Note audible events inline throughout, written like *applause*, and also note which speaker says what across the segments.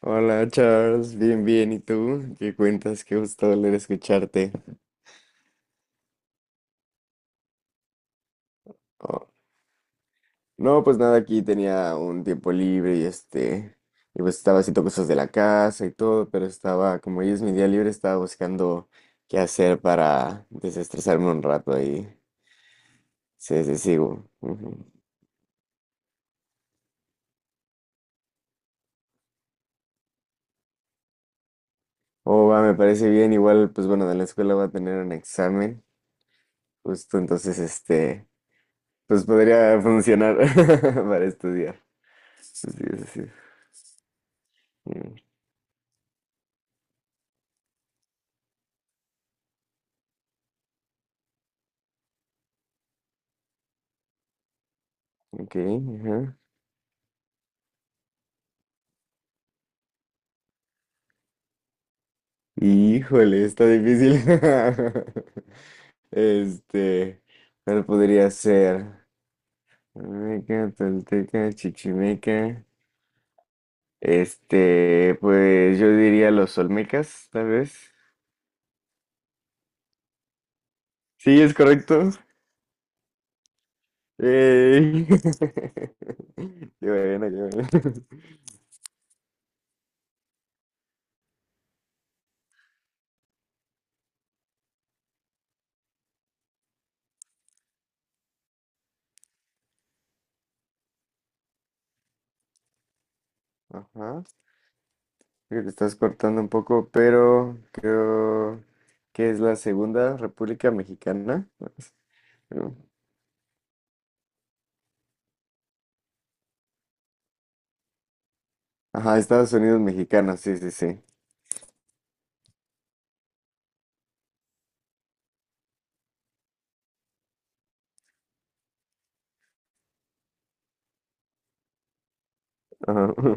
Speaker 1: Hola Charles, bien, bien, ¿y tú? ¿Qué cuentas? Qué gusto volver a escucharte. Oh, no, pues nada, aquí tenía un tiempo libre y pues estaba haciendo cosas de la casa y todo, pero estaba, como hoy es mi día libre, estaba buscando qué hacer para desestresarme un rato y sí, sí, sigo. Ujú. Oh, va, me parece bien, igual, pues bueno, de la escuela va a tener un examen, justo entonces, pues podría funcionar *laughs* para estudiar. Así es, así es. Ok, ajá. Híjole, está difícil. *laughs* Este, ¿Cuál podría ser? Olmeca, Tolteca, Chichimeca. Pues yo diría los Olmecas, tal vez. Sí, es correcto. Ey. *laughs* Qué bueno, qué bueno. *laughs* Ajá. Creo que estás cortando un poco, pero creo que es la Segunda República Mexicana, ¿no? Ajá, Estados Unidos mexicano, sí, sí, sí. Ajá.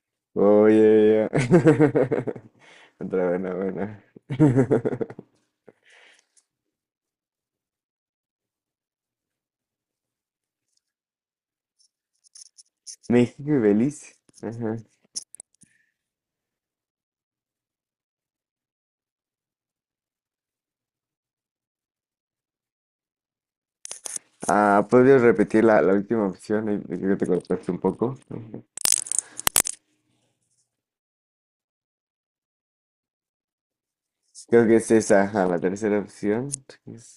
Speaker 1: *laughs* Oye, ya. *laughs* Otra buena, buena. *laughs* México y Belice. Ajá. Ah, ¿podrías repetir la, última opción? Ahí creo que te cortaste un poco. Ajá. Creo que es esa, ajá, la tercera opción. Es-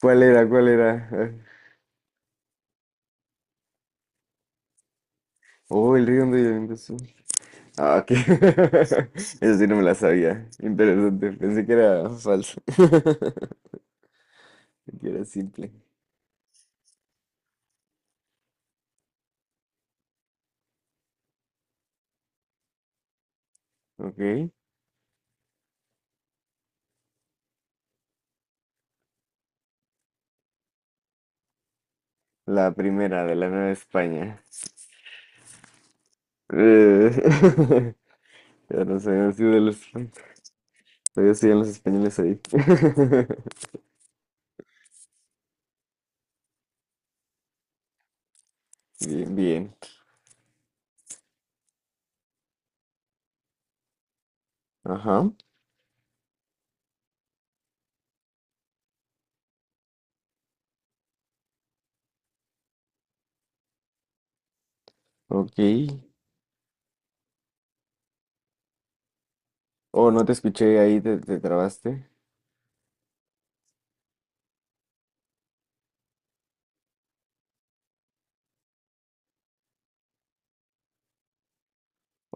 Speaker 1: ¿Cuál era? ¿Cuál era? Ah, Oh, el río donde yo vengo, sí. Ah, ok. *laughs* Eso sí no me la sabía. Interesante. Pensé que era falso. *laughs* Que era simple. Ok. La primera de la Nueva España. Eh, *laughs* ya no sabían sido de los... Todavía siguen los españoles ahí. *laughs* Bien, bien. Ajá. Ok. O no te escuché ahí, te trabaste.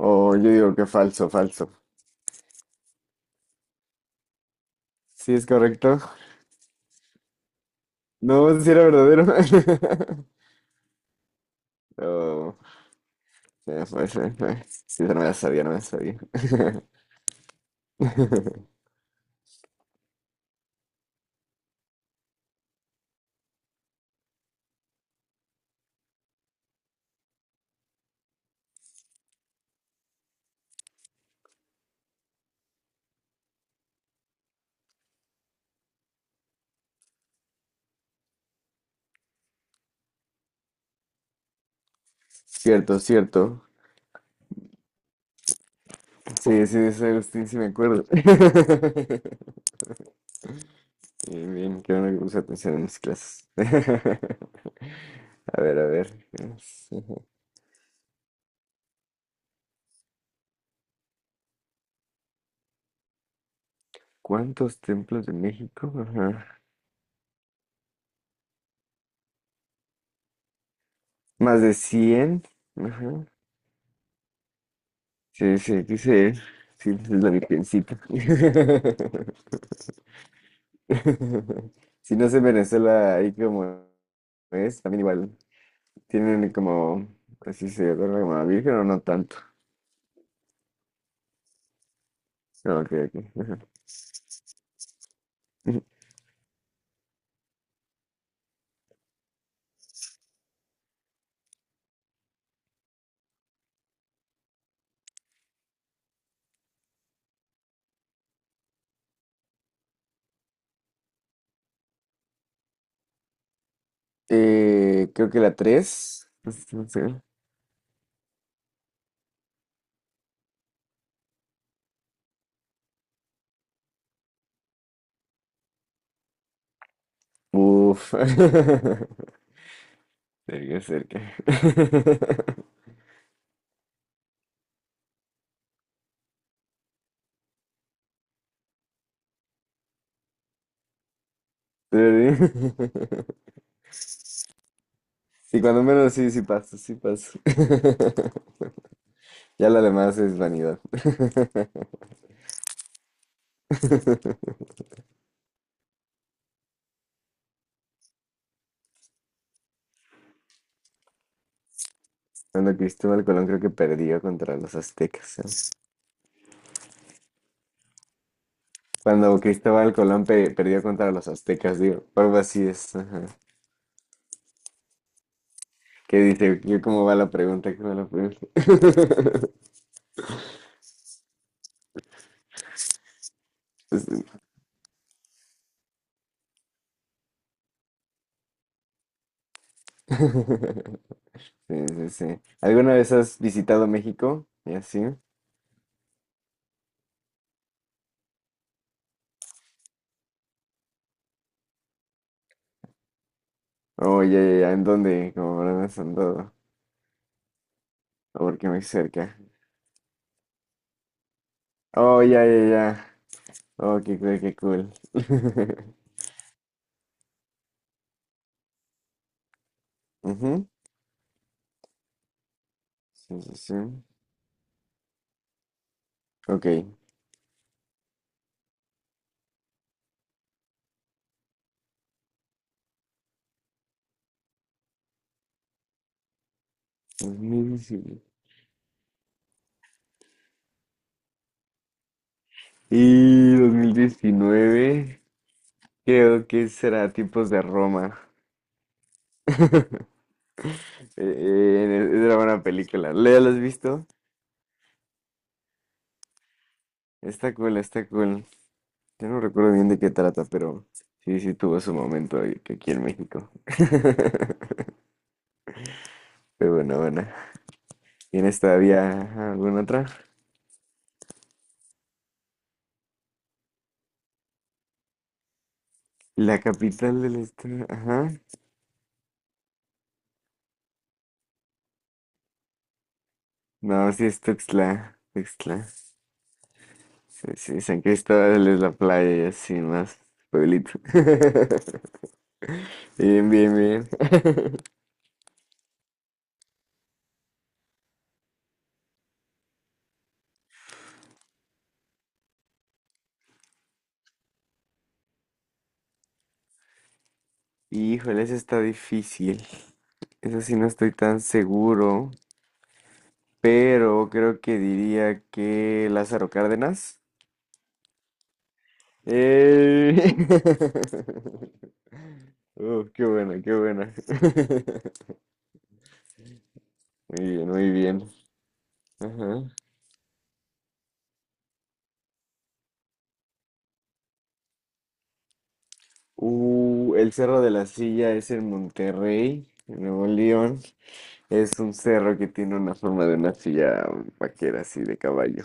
Speaker 1: O yo digo que falso, falso. Sí, es correcto. No, si era verdadero. *laughs* Oh, se fue, se fue. Sí, no me la sabía, no me la sabía. *laughs* Cierto, cierto. Sí, sí, de San Agustín, sí me acuerdo. *laughs* Bien, bien, que no me puse atención en mis clases. *laughs* A ver, a ver. Es, ajá. ¿Cuántos templos de México? Ajá. Más de 100. Ajá. Sí, sí, aquí se... Sí, es la virgencita. *laughs* Si no sé, en Venezuela, ahí como es, también igual. Tienen como... Así se adora como a la virgen o no tanto. No, ok, ok, ajá. *laughs* Creo que la tres. Uf. *laughs* Cerca, cerca. *laughs* Sí, sí, cuando menos sí, sí pasa, sí pasa. *laughs* Ya lo demás es vanidad. *laughs* Cuando Cristóbal Colón creo que perdió contra los aztecas, ¿eh? Cuando Cristóbal Colón perdió contra los aztecas, digo, algo así es. Ajá. ¿Qué dice? ¿Cómo va la pregunta? ¿Cómo va la pregunta? *laughs* Pues, *laughs* sí, sí, sí. ¿Alguna vez has visitado México? ¿Y así? Oh, ya, ya, ya. ¿En dónde? ¿Cómo habrás andado? Porque muy cerca. Oh, ya, ya, ya. Oh, qué cool, qué cool. *laughs* Ujú, sí, sí, sí. Ok. 2019. Y 2019 creo que será Tipos de Roma. Es una buena película. ¿La has visto? Está cool, está cool. Yo no recuerdo bien de qué trata, pero sí, sí tuvo su momento aquí en México. *laughs* Pero bueno, bueno. ¿Tienes todavía alguna otra? La capital del estado. Ajá. No, sí es Tuxtla, Tuxtla. Sí, sí, San Cristóbal es la playa y así más pueblito. *laughs* Bien, bien, bien. Híjole, eso está difícil. Eso sí no estoy tan seguro, pero creo que diría que Lázaro Cárdenas. ¡Eh! *laughs* Qué buena, qué buena. *laughs* Muy bien, muy bien. Ajá. El Cerro de la Silla es en Monterrey, en Nuevo León. Es un cerro que tiene una forma de una silla vaquera así de caballo.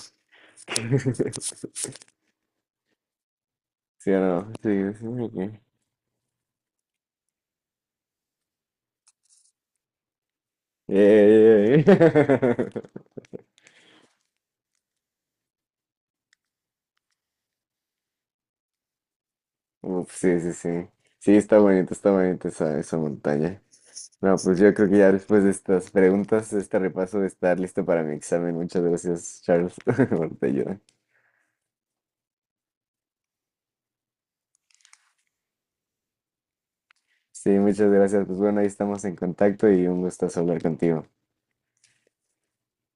Speaker 1: *laughs* ¿Sí o no? Sí, sí, ok. Eh, eh, eh. *laughs* Uf, sí, sí, sí. Sí, está bonito esa montaña. No, pues yo creo que ya después de estas preguntas, este repaso de estar listo para mi examen. Muchas gracias, Charles, *laughs* por tu ayuda. Sí, muchas gracias. Pues bueno, ahí estamos en contacto y un gusto hablar contigo.